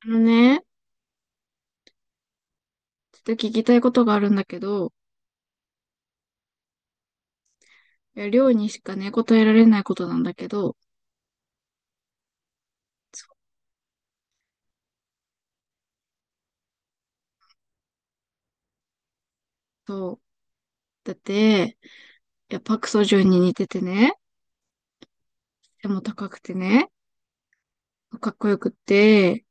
あのね、ちょっと聞きたいことがあるんだけど、いや、りょうにしかね、答えられないことなんだけど、そう。だって、いや、パクソジュンに似ててね、背も高くてね、かっこよくって、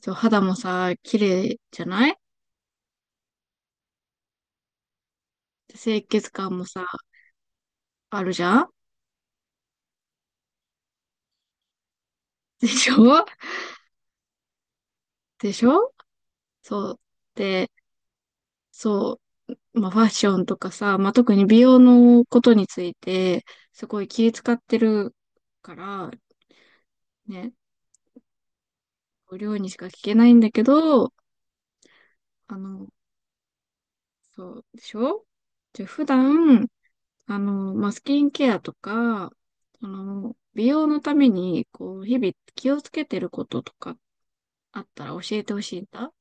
そう、肌もさ、綺麗じゃない。で清潔感もさ、あるじゃん。でしょ。でしょ。そう。で、そう、まあ、ファッションとかさ、まあ、特に美容のことについて、すごい気遣ってるから、ね、りょうにしか聞けないんだけど、あの、そうでしょ。じゃあ普段、まあ、スキンケアとか、その、美容のために、こう、日々気をつけてることとかあったら教えてほしいんだ。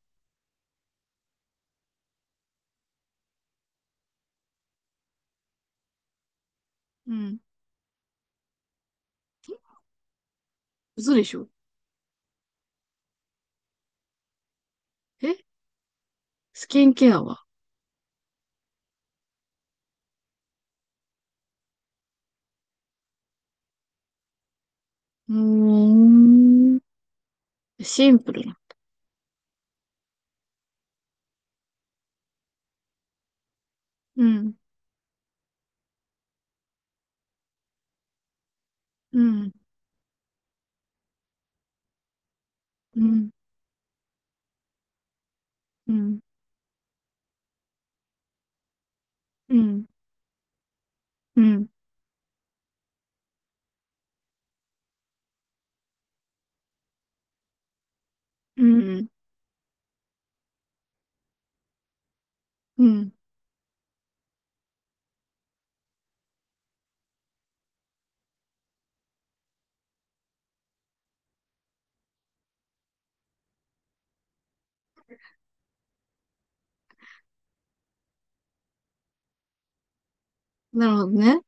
うん。え、嘘でしょ。え、スキンケアは。うーん。シンプルな。うん。うん。うん。うん。うん。うん。うん。うん。なるほどね。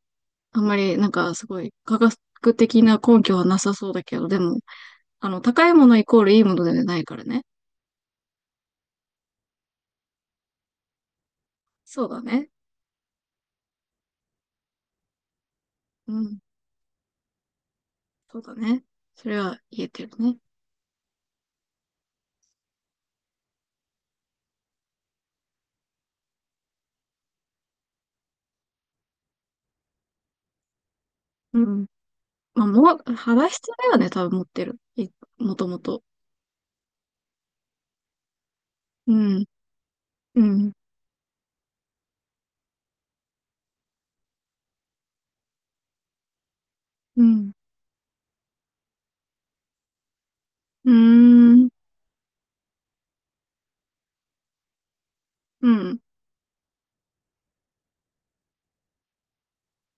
あんまり、なんか、すごい、科学的な根拠はなさそうだけど、でも、高いものイコールいいものではないからね。そうだね。うん。そうだね。それは言えてるね。うん。まあ、もう、肌質だよね、多分持ってる。もともと。うん。うん。うん。うーん。うん。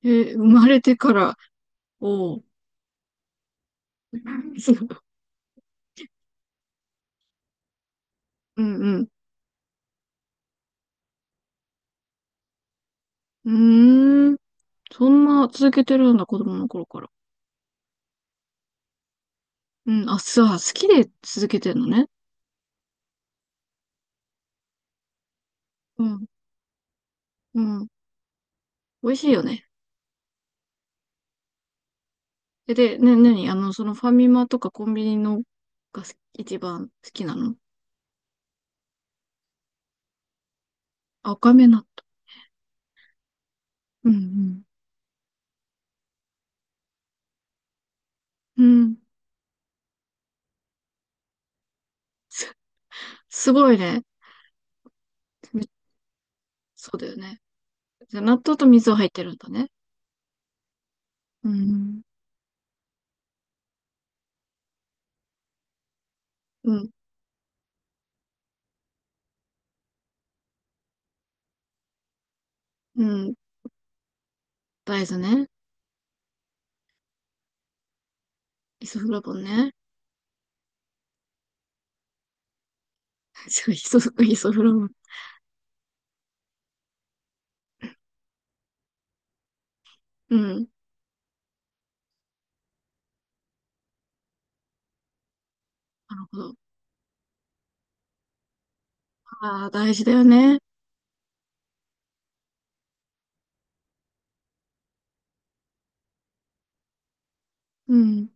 えー、生まれてから、おう。そう。うん。うん。うーん。そんな続けてるんだ、子供の頃から。うん。あ、そう、好きで続けてるのね。うん。うん。美味しいよね。え、で、ね、なに、そのファミマとかコンビニのが好き、一番好きなの。赤目納豆。うん。うん。うん。す、すごいね。めそうだよね。じゃあ、納豆と水は入ってるんだね。うん。うん。うん。大豆ね。イソフラボンね。そう、イソフラボン。うん。なるほど。ああ、大事だよね。うん。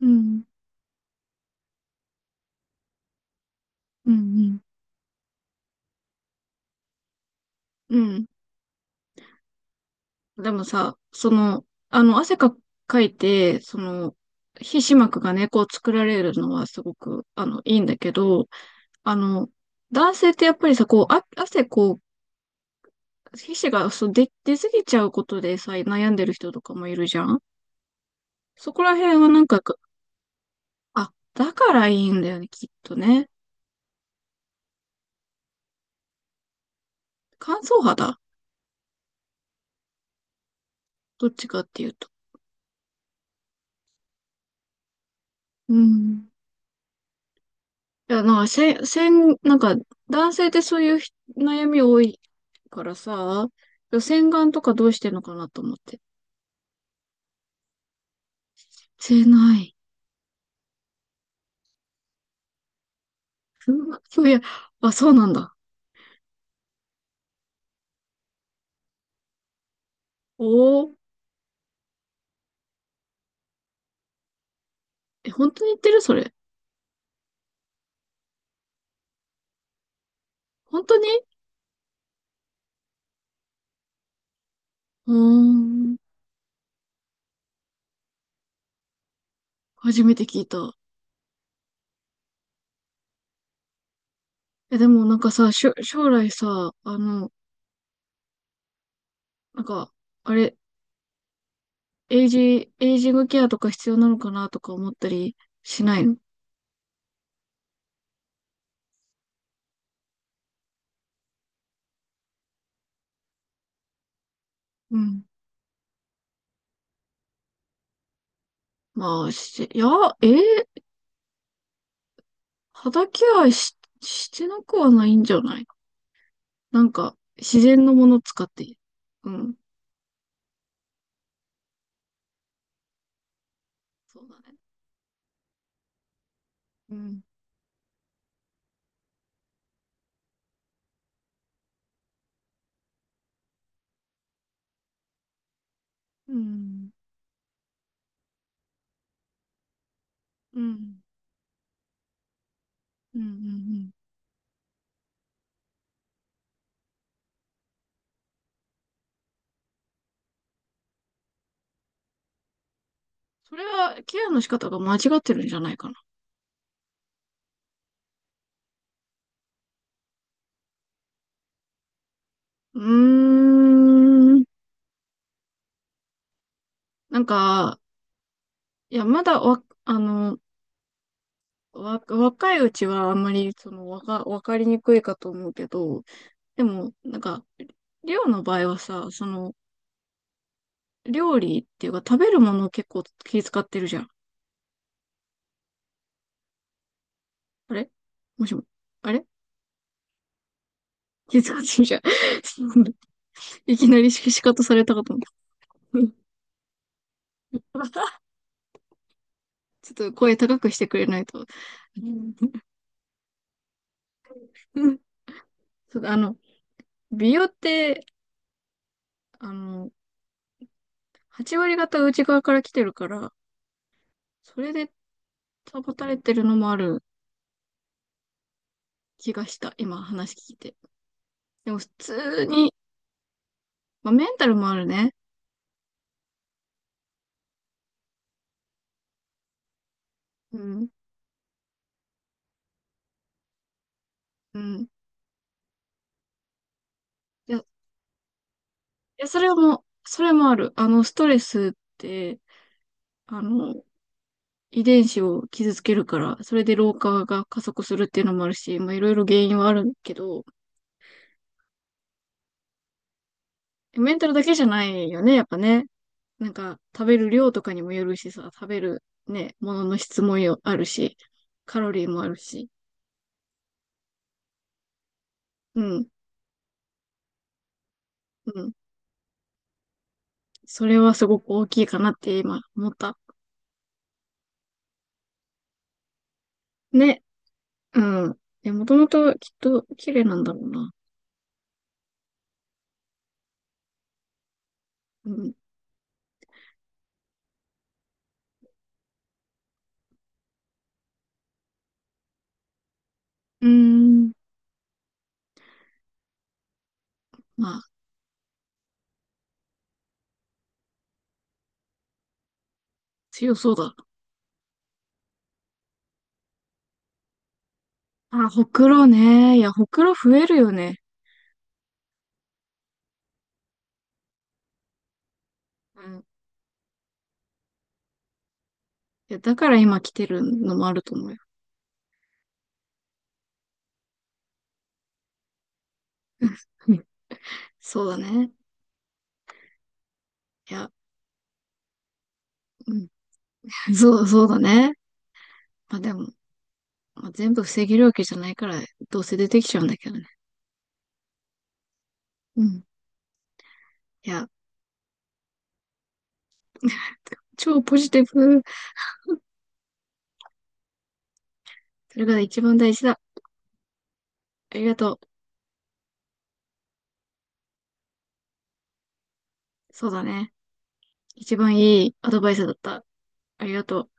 うん。うん。うん。うん。でもさ、その、あの、汗か、かいて、その、皮脂膜がね、こう作られるのはすごく、いいんだけど、あの、男性ってやっぱりさ、こう、あ、汗、こう、皮脂が、そう、出すぎちゃうことでさ、悩んでる人とかもいるじゃん。そこら辺はなんか、あ、だからいいんだよね、きっとね。乾燥肌、どっちかっていうと。うん。いや、なんか、せ、せん、なんか、男性ってそういう悩み多いからさ、洗顔とかどうしてんのかなと思って。してない。うわ、そういや、あ、そうなんだ。おー。え、本当に言ってるそれ？本当に。うーん。初めて聞いた。え、でもなんかさ、将来さ、あの、なんか、あれ、エイジングケアとか必要なのかなとか思ったりしないの？うん。まあ、しいや、えー肌ケアし、してなくはないんじゃない。なんか、自然のもの使って。うん。そうだね。うん。うん。うん。うん。うん。それは、ケアの仕方が間違ってるんじゃないかな。うーん。なんか、いや、まだわ、あの、若いうちはあんまり、その、わかりにくいかと思うけど、でも、なんか、りょうの場合はさ、その、料理っていうか、食べるものを結構気遣ってるじゃん。あれ。もしも。あれ。気遣ってるじゃん。いきなり仕方されたかと思った。ちょっと声高くしてくれないと。そう、あの、美容って、あの、8割方内側から来てるから、それで保たれてるのもある気がした。今話聞いて。でも普通に、まあ、メンタルもあるね。うん。うん。いや、いやそれも、それもある。あの、ストレスって、あの、遺伝子を傷つけるから、それで老化が加速するっていうのもあるし、まあ、いろいろ原因はあるけど、メンタルだけじゃないよね、やっぱね。なんか、食べる量とかにもよるしさ、食べるね、ものの質もよ、あるし、カロリーもあるし、うん、うん。それはすごく大きいかなって今思った。ね、うん。で、もともときっと綺麗なんだろうな。うん。うーん。まあ、強そうだ。あ、ほくろね。いや、ほくろ増えるよね。うん。いや、だから今来てるのもあると思うよ。そうだね。いや、うん。そう、そうだね。まあでも、まあ、全部防げるわけじゃないから、どうせ出てきちゃうんだけどね。うん。いや、超ポジティブ。それが一番大事だ。ありがとう。そうだね。一番いいアドバイスだった。ありがとう。